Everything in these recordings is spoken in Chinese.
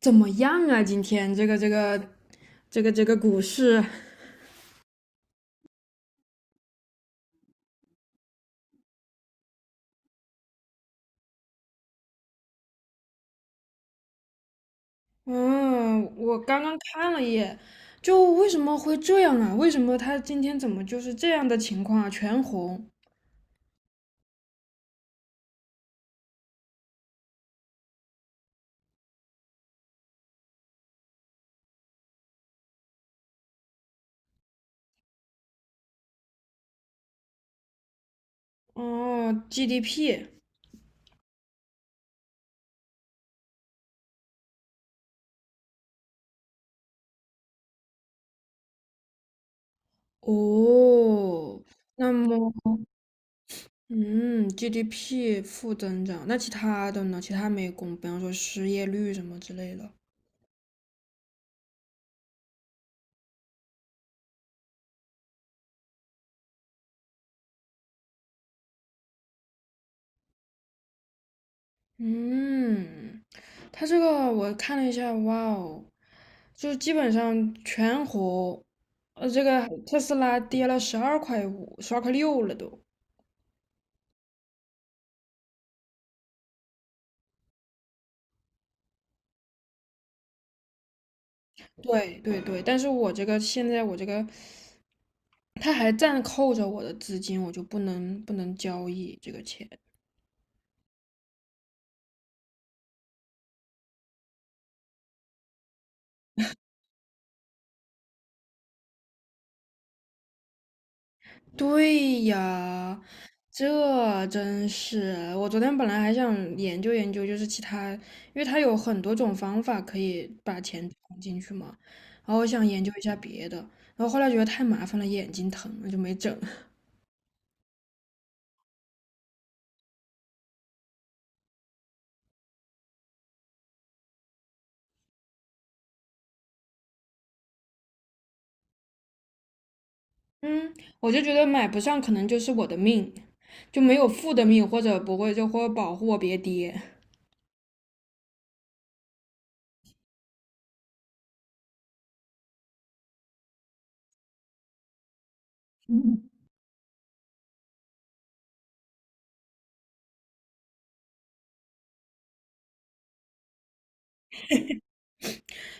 怎么样啊？今天这个股市，嗯，我刚刚看了一眼，就为什么会这样啊？为什么它今天怎么就是这样的情况啊？全红哦，GDP。 哦，那么嗯，GDP 负增长，那其他的呢？其他没公布，比方说失业率什么之类的。嗯，它这个我看了一下，哇哦，就基本上全红，这个特斯拉跌了12块5，12块6了都。对对对，但是我这个现在我这个，它还暂扣着我的资金，我就不能交易这个钱。对呀，这真是，我昨天本来还想研究研究，就是其他，因为它有很多种方法可以把钱存进去嘛，然后我想研究一下别的，然后后来觉得太麻烦了，眼睛疼，我就没整。嗯，我就觉得买不上，可能就是我的命。就没有负的命，或者不会就或保护我别跌。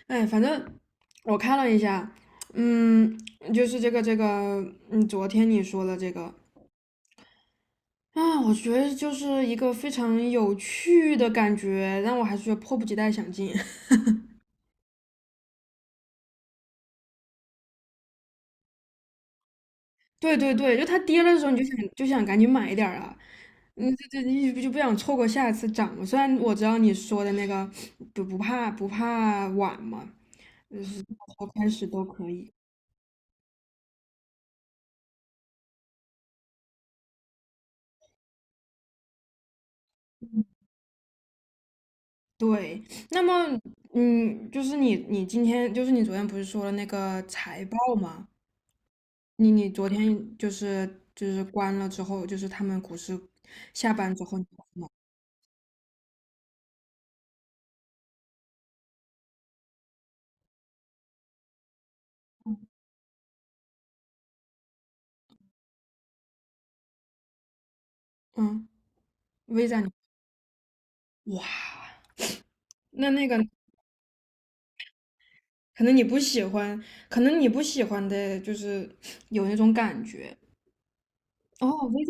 哎，反正我看了一下，嗯，就是这个，嗯，昨天你说的这个啊，我觉得就是一个非常有趣的感觉，但我还是觉得迫不及待想进。对对对，就它跌了的时候，你就想赶紧买一点儿啊。嗯，这你就不想错过下一次涨嘛，虽然我知道你说的那个不怕晚嘛，从头开始都可以。对，那么，嗯，就是你，你今天，就是你昨天不是说了那个财报吗？你昨天关了之后，就是他们股市下班之后你关了吗？嗯， V I。 哇，那那个可能你不喜欢，可能你不喜欢的就是有那种感觉。哦， V I。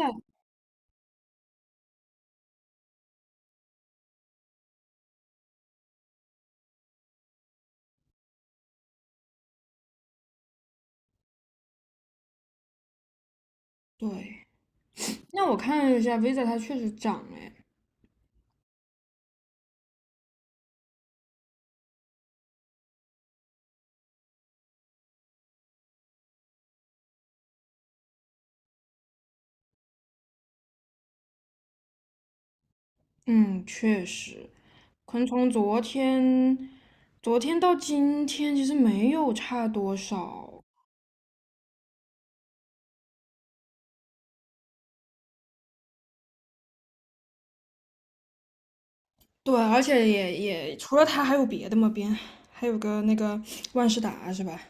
对，那我看了一下 V I， 它确实涨了诶，嗯，确实，可能从昨天。昨天到今天其实没有差多少，对，而且也除了它还有别的吗？边还有个那个万事达是吧？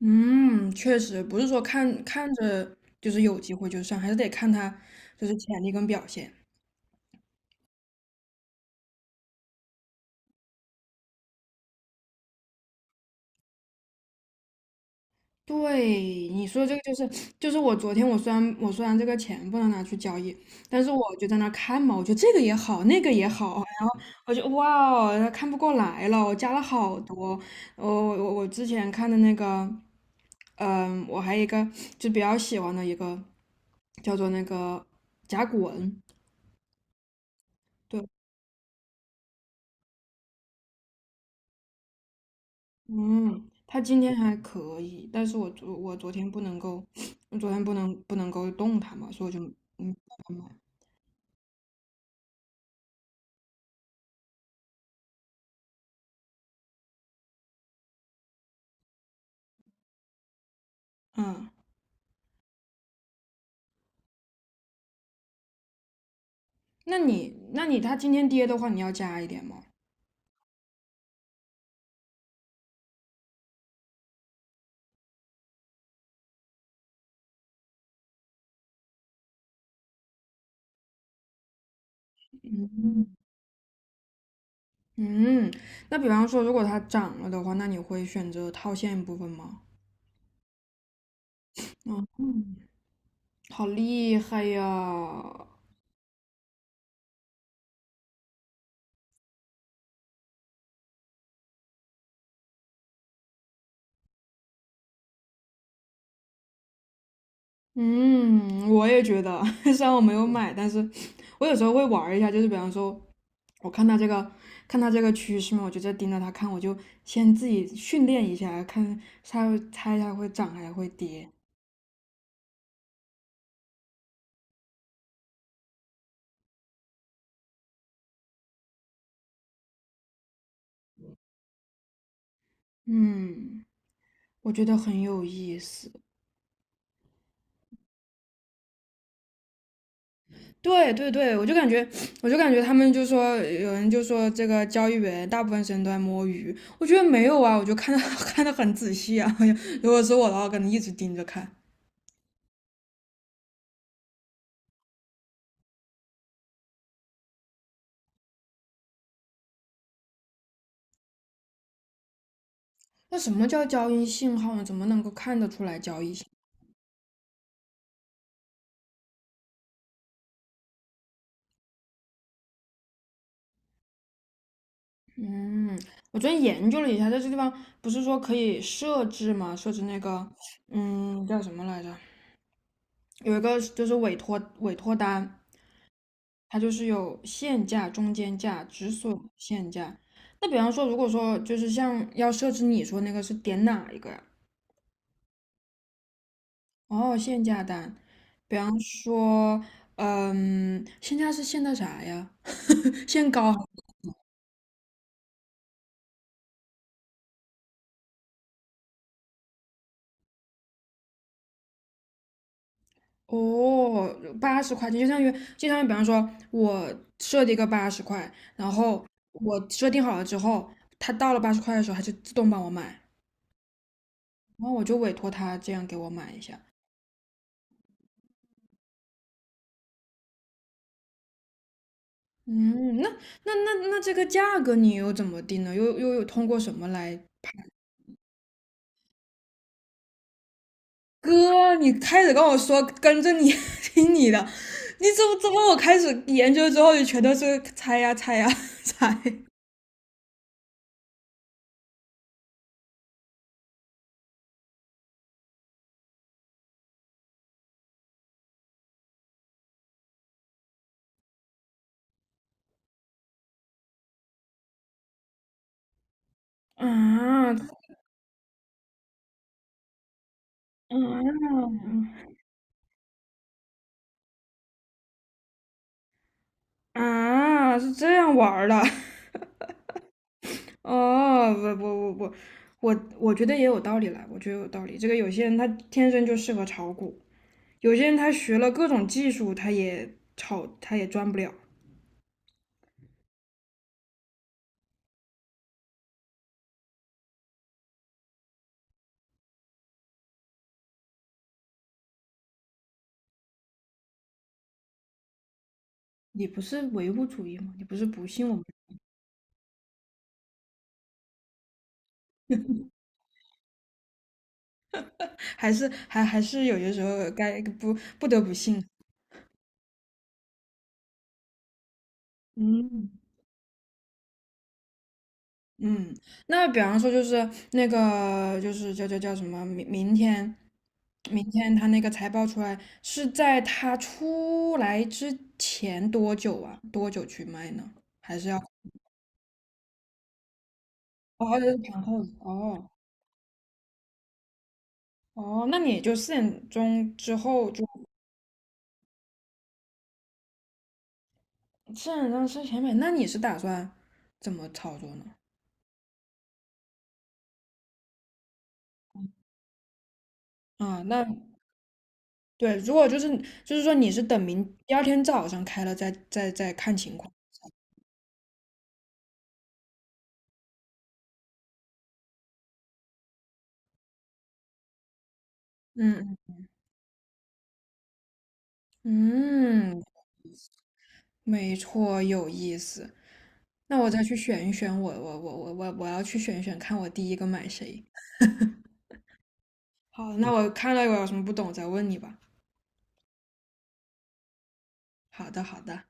嗯，确实不是说看看着就是有机会就上，还是得看它就是潜力跟表现。对，你说这个就是就是我昨天我虽然我虽然这个钱不能拿去交易，但是我就在那儿看嘛，我觉得这个也好，那个也好，我就哇哦，看不过来了，我加了好多。我之前看的那个嗯，我还有一个就比较喜欢的一个叫做那个甲骨文，对，嗯，它今天还可以，但是我昨天不能够，我昨天不能够动它嘛，所以我就嗯嗯。那你那你它今天跌的话，你要加一点吗？嗯，那比方说如果它涨了的话，那你会选择套现部分吗？嗯，好厉害呀！嗯，我也觉得，虽然我没有买，但是我有时候会玩儿一下，就是比方说，我看它这个，看它这个趋势嘛，我就在盯着它看，我就先自己训练一下，看它猜它会涨还是会跌。嗯，我觉得很有意思。对对对，我就感觉，我就感觉他们就说，有人就说这个交易员大部分时间都在摸鱼，我觉得没有啊，我就看的 看的很仔细啊，如果是我的话，我可能一直盯着看。那什么叫交易信号呢？怎么能够看得出来交易信号。嗯，我昨天研究了一下，在这地方不是说可以设置吗？设置那个，嗯，叫什么来着？有一个就是委托单，它就是有限价、中间价、止损限价。那比方说，如果说就是像要设置你说那个是点哪一个呀？哦，限价单，比方说，嗯，限价是限的啥呀？限高。哦，80块钱就相当于，就相当于，比方说，我设定一个八十块，然后我设定好了之后，它到了八十块的时候，它就自动帮我买，然后我就委托它这样给我买一下。嗯，那这个价格你又怎么定呢？又有通过什么来？哥，你开始跟我说跟着你 听你的，你怎么我开始研究之后就全都是猜呀猜呀 猜啊。啊！嗯。啊，是这样玩儿的。哦，不不不不，我觉得也有道理啦，我觉得有道理。这个有些人他天生就适合炒股，有些人他学了各种技术，他也炒他也赚不了。你不是唯物主义吗？你不是不信我们，还是还是有些时候该不得不信。嗯。嗯，那比方说就是那个就是叫什么？明明天，明天他那个财报出来是在他出来之前多久啊？多久去卖呢？还是要，哦，这是盘后哦。哦，那你就四点钟之后就四点钟之前买，那你是打算怎么操作呢？啊，那对，如果就是就是说你是等明第二天早上开了再再看情况。嗯嗯，没错，有意思。那我再去选一选我，我要去选一选，看我第一个买谁。好，那我看到我有什么不懂再问你吧。好的，好的。